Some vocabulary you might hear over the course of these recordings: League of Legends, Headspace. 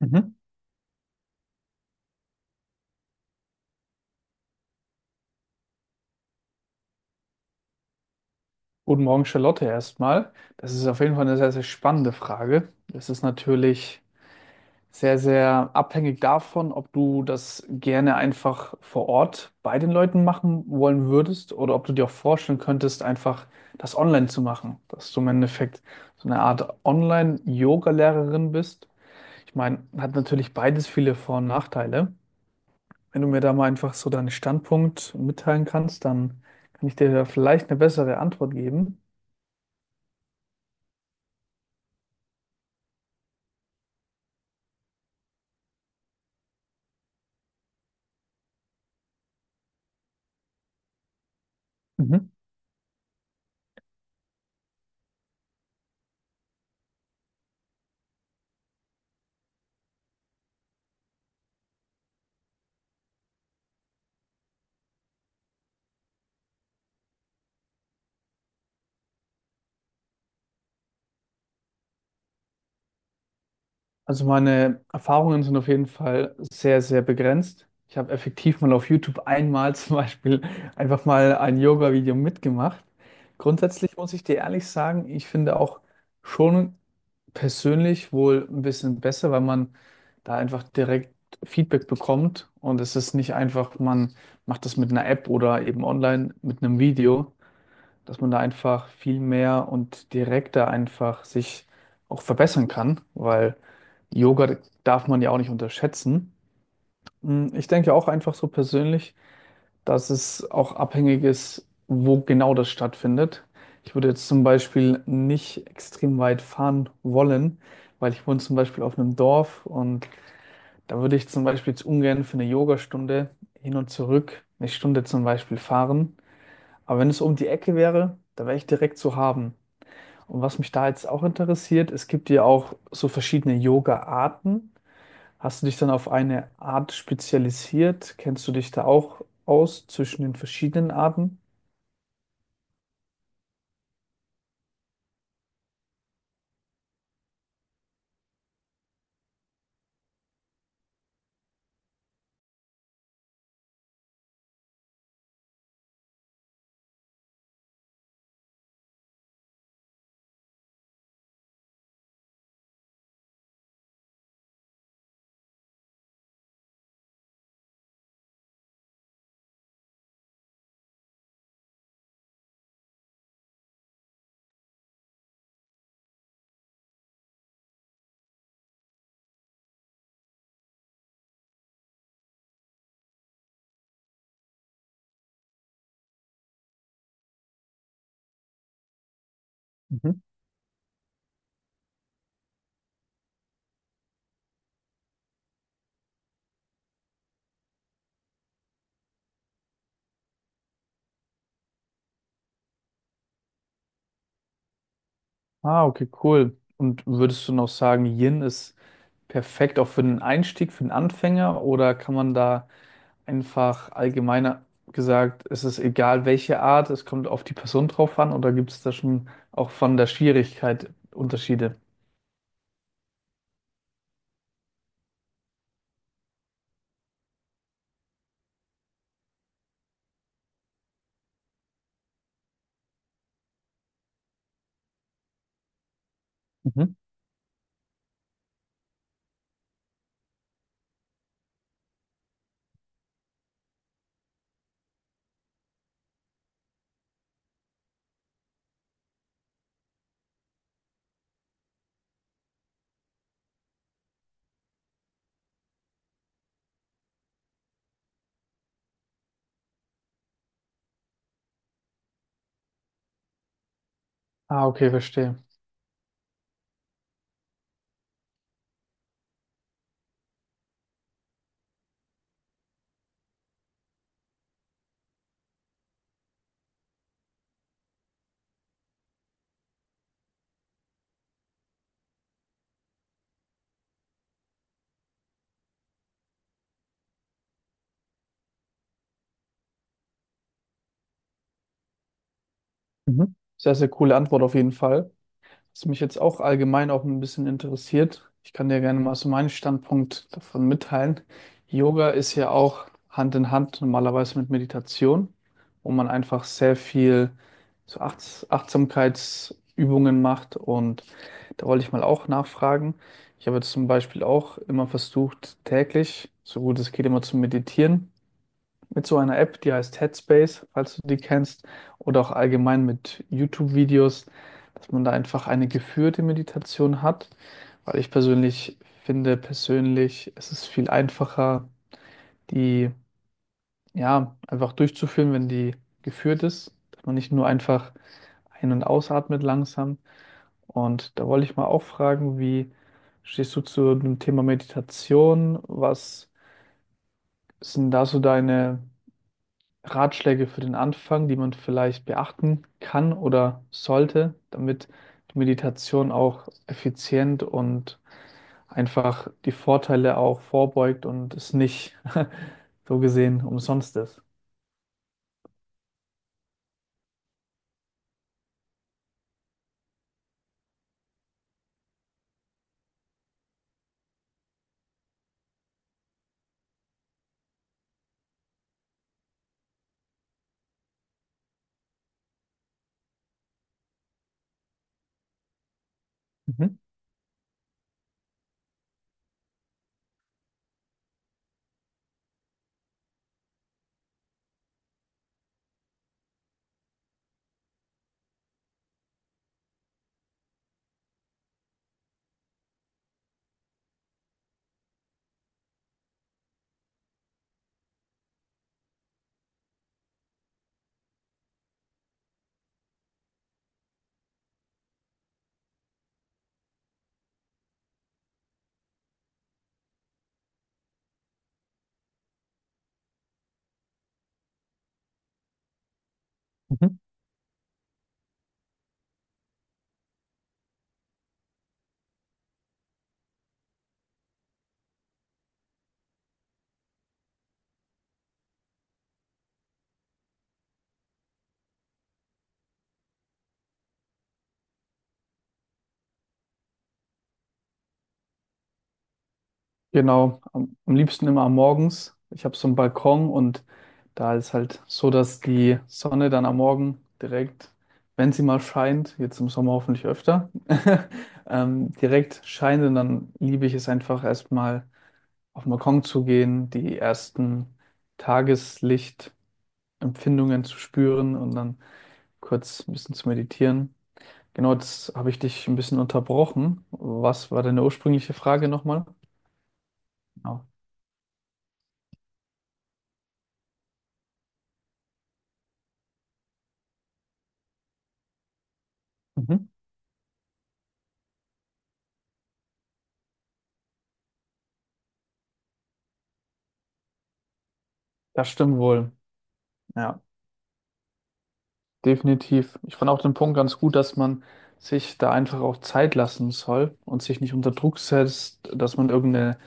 Mhm. Guten Morgen, Charlotte, erstmal. Das ist auf jeden Fall eine sehr, sehr spannende Frage. Es ist natürlich sehr, sehr abhängig davon, ob du das gerne einfach vor Ort bei den Leuten machen wollen würdest oder ob du dir auch vorstellen könntest, einfach das online zu machen, dass du im Endeffekt so eine Art Online-Yoga-Lehrerin bist. Ich meine, hat natürlich beides viele Vor- und Nachteile. Wenn du mir da mal einfach so deinen Standpunkt mitteilen kannst, dann kann ich dir da vielleicht eine bessere Antwort geben. Mhm. Also meine Erfahrungen sind auf jeden Fall sehr, sehr begrenzt. Ich habe effektiv mal auf YouTube einmal zum Beispiel einfach mal ein Yoga-Video mitgemacht. Grundsätzlich muss ich dir ehrlich sagen, ich finde auch schon persönlich wohl ein bisschen besser, weil man da einfach direkt Feedback bekommt und es ist nicht einfach, man macht das mit einer App oder eben online mit einem Video, dass man da einfach viel mehr und direkter einfach sich auch verbessern kann, weil Yoga darf man ja auch nicht unterschätzen. Ich denke auch einfach so persönlich, dass es auch abhängig ist, wo genau das stattfindet. Ich würde jetzt zum Beispiel nicht extrem weit fahren wollen, weil ich wohne zum Beispiel auf einem Dorf und da würde ich zum Beispiel jetzt ungern für eine Yogastunde hin und zurück eine Stunde zum Beispiel fahren. Aber wenn es um die Ecke wäre, da wäre ich direkt zu haben. Und was mich da jetzt auch interessiert, es gibt ja auch so verschiedene Yoga-Arten. Hast du dich dann auf eine Art spezialisiert? Kennst du dich da auch aus zwischen den verschiedenen Arten? Mhm. Ah, okay, cool. Und würdest du noch sagen, Yin ist perfekt auch für den Einstieg, für den Anfänger? Oder kann man da einfach allgemeiner gesagt, es ist egal welche Art, es kommt auf die Person drauf an? Oder gibt es da schon auch von der Schwierigkeit Unterschiede? Mhm. Ah, okay, verstehe. Mhm. Sehr, sehr coole Antwort auf jeden Fall. Was mich jetzt auch allgemein auch ein bisschen interessiert, ich kann dir gerne mal so meinen Standpunkt davon mitteilen. Yoga ist ja auch Hand in Hand normalerweise mit Meditation, wo man einfach sehr viel so Achtsamkeitsübungen macht. Und da wollte ich mal auch nachfragen. Ich habe jetzt zum Beispiel auch immer versucht, täglich, so gut es geht, immer zu meditieren mit so einer App, die heißt Headspace, falls du die kennst, oder auch allgemein mit YouTube-Videos, dass man da einfach eine geführte Meditation hat, weil ich persönlich finde, es ist viel einfacher, die ja einfach durchzuführen, wenn die geführt ist, dass man nicht nur einfach ein- und ausatmet langsam. Und da wollte ich mal auch fragen, wie stehst du zu dem Thema Meditation? Was sind da so deine Ratschläge für den Anfang, die man vielleicht beachten kann oder sollte, damit die Meditation auch effizient und einfach die Vorteile auch vorbeugt und es nicht so gesehen umsonst ist? Mhm. Mhm. Genau, am liebsten immer am morgens. Ich habe so einen Balkon und da ist halt so, dass die Sonne dann am Morgen direkt, wenn sie mal scheint, jetzt im Sommer hoffentlich öfter, direkt scheint und dann liebe ich es einfach erstmal auf den Balkon zu gehen, die ersten Tageslichtempfindungen zu spüren und dann kurz ein bisschen zu meditieren. Genau, jetzt habe ich dich ein bisschen unterbrochen. Was war deine ursprüngliche Frage nochmal? Genau. Mhm. Das stimmt wohl. Ja, definitiv. Ich fand auch den Punkt ganz gut, dass man sich da einfach auch Zeit lassen soll und sich nicht unter Druck setzt, dass man irgendeine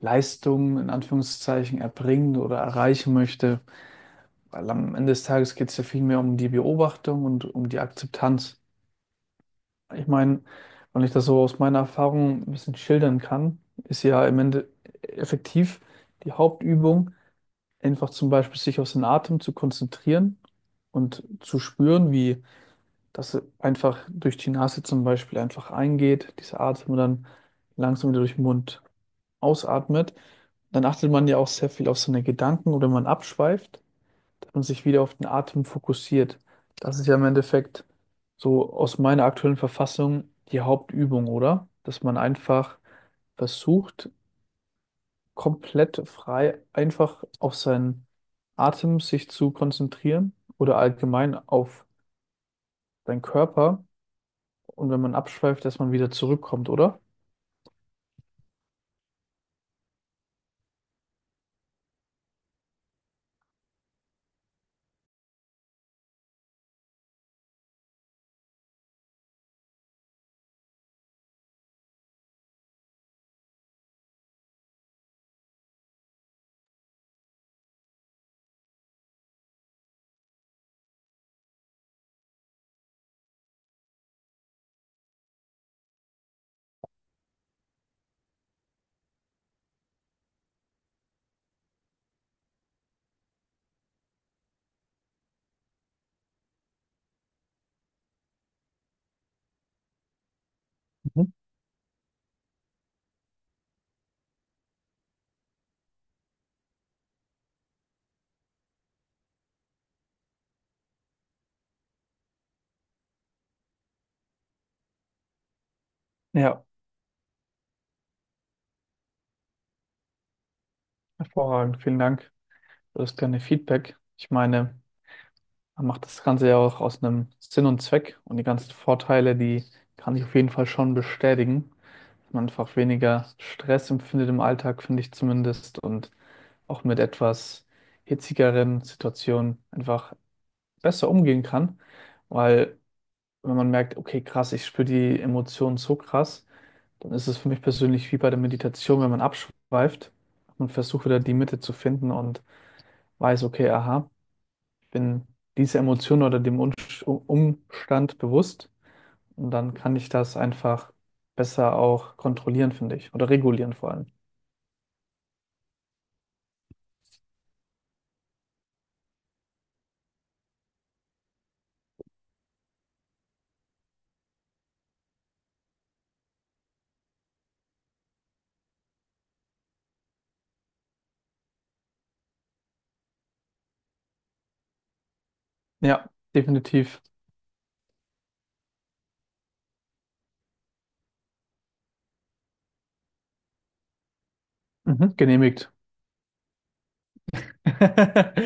Leistung in Anführungszeichen erbringen oder erreichen möchte. Weil am Ende des Tages geht es ja viel mehr um die Beobachtung und um die Akzeptanz. Ich meine, wenn ich das so aus meiner Erfahrung ein bisschen schildern kann, ist ja im Ende effektiv die Hauptübung, einfach zum Beispiel sich auf den Atem zu konzentrieren und zu spüren, wie dass er einfach durch die Nase zum Beispiel einfach eingeht, diese Atmung dann langsam wieder durch den Mund ausatmet. Dann achtet man ja auch sehr viel auf seine Gedanken oder man abschweift, dass man sich wieder auf den Atem fokussiert. Das ist ja im Endeffekt so aus meiner aktuellen Verfassung die Hauptübung, oder? Dass man einfach versucht, komplett frei einfach auf seinen Atem sich zu konzentrieren oder allgemein auf seinen Körper. Und wenn man abschweift, dass man wieder zurückkommt, oder? Mhm. Ja, hervorragend. Vielen Dank für das kleine Feedback. Ich meine, man macht das Ganze ja auch aus einem Sinn und Zweck und die ganzen Vorteile, die kann ich auf jeden Fall schon bestätigen. Dass man einfach weniger Stress empfindet im Alltag, finde ich zumindest, und auch mit etwas hitzigeren Situationen einfach besser umgehen kann. Weil wenn man merkt, okay, krass, ich spüre die Emotionen so krass, dann ist es für mich persönlich wie bei der Meditation, wenn man abschweift und versucht wieder die Mitte zu finden und weiß, okay, aha, ich bin dieser Emotion oder dem Umstand bewusst und dann kann ich das einfach besser auch kontrollieren, finde ich, oder regulieren vor allem. Ja, definitiv. Mhm, genehmigt.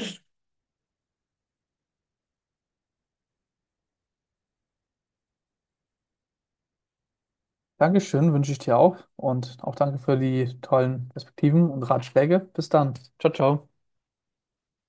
Dankeschön, wünsche ich dir auch und auch danke für die tollen Perspektiven und Ratschläge. Bis dann. Ciao, ciao.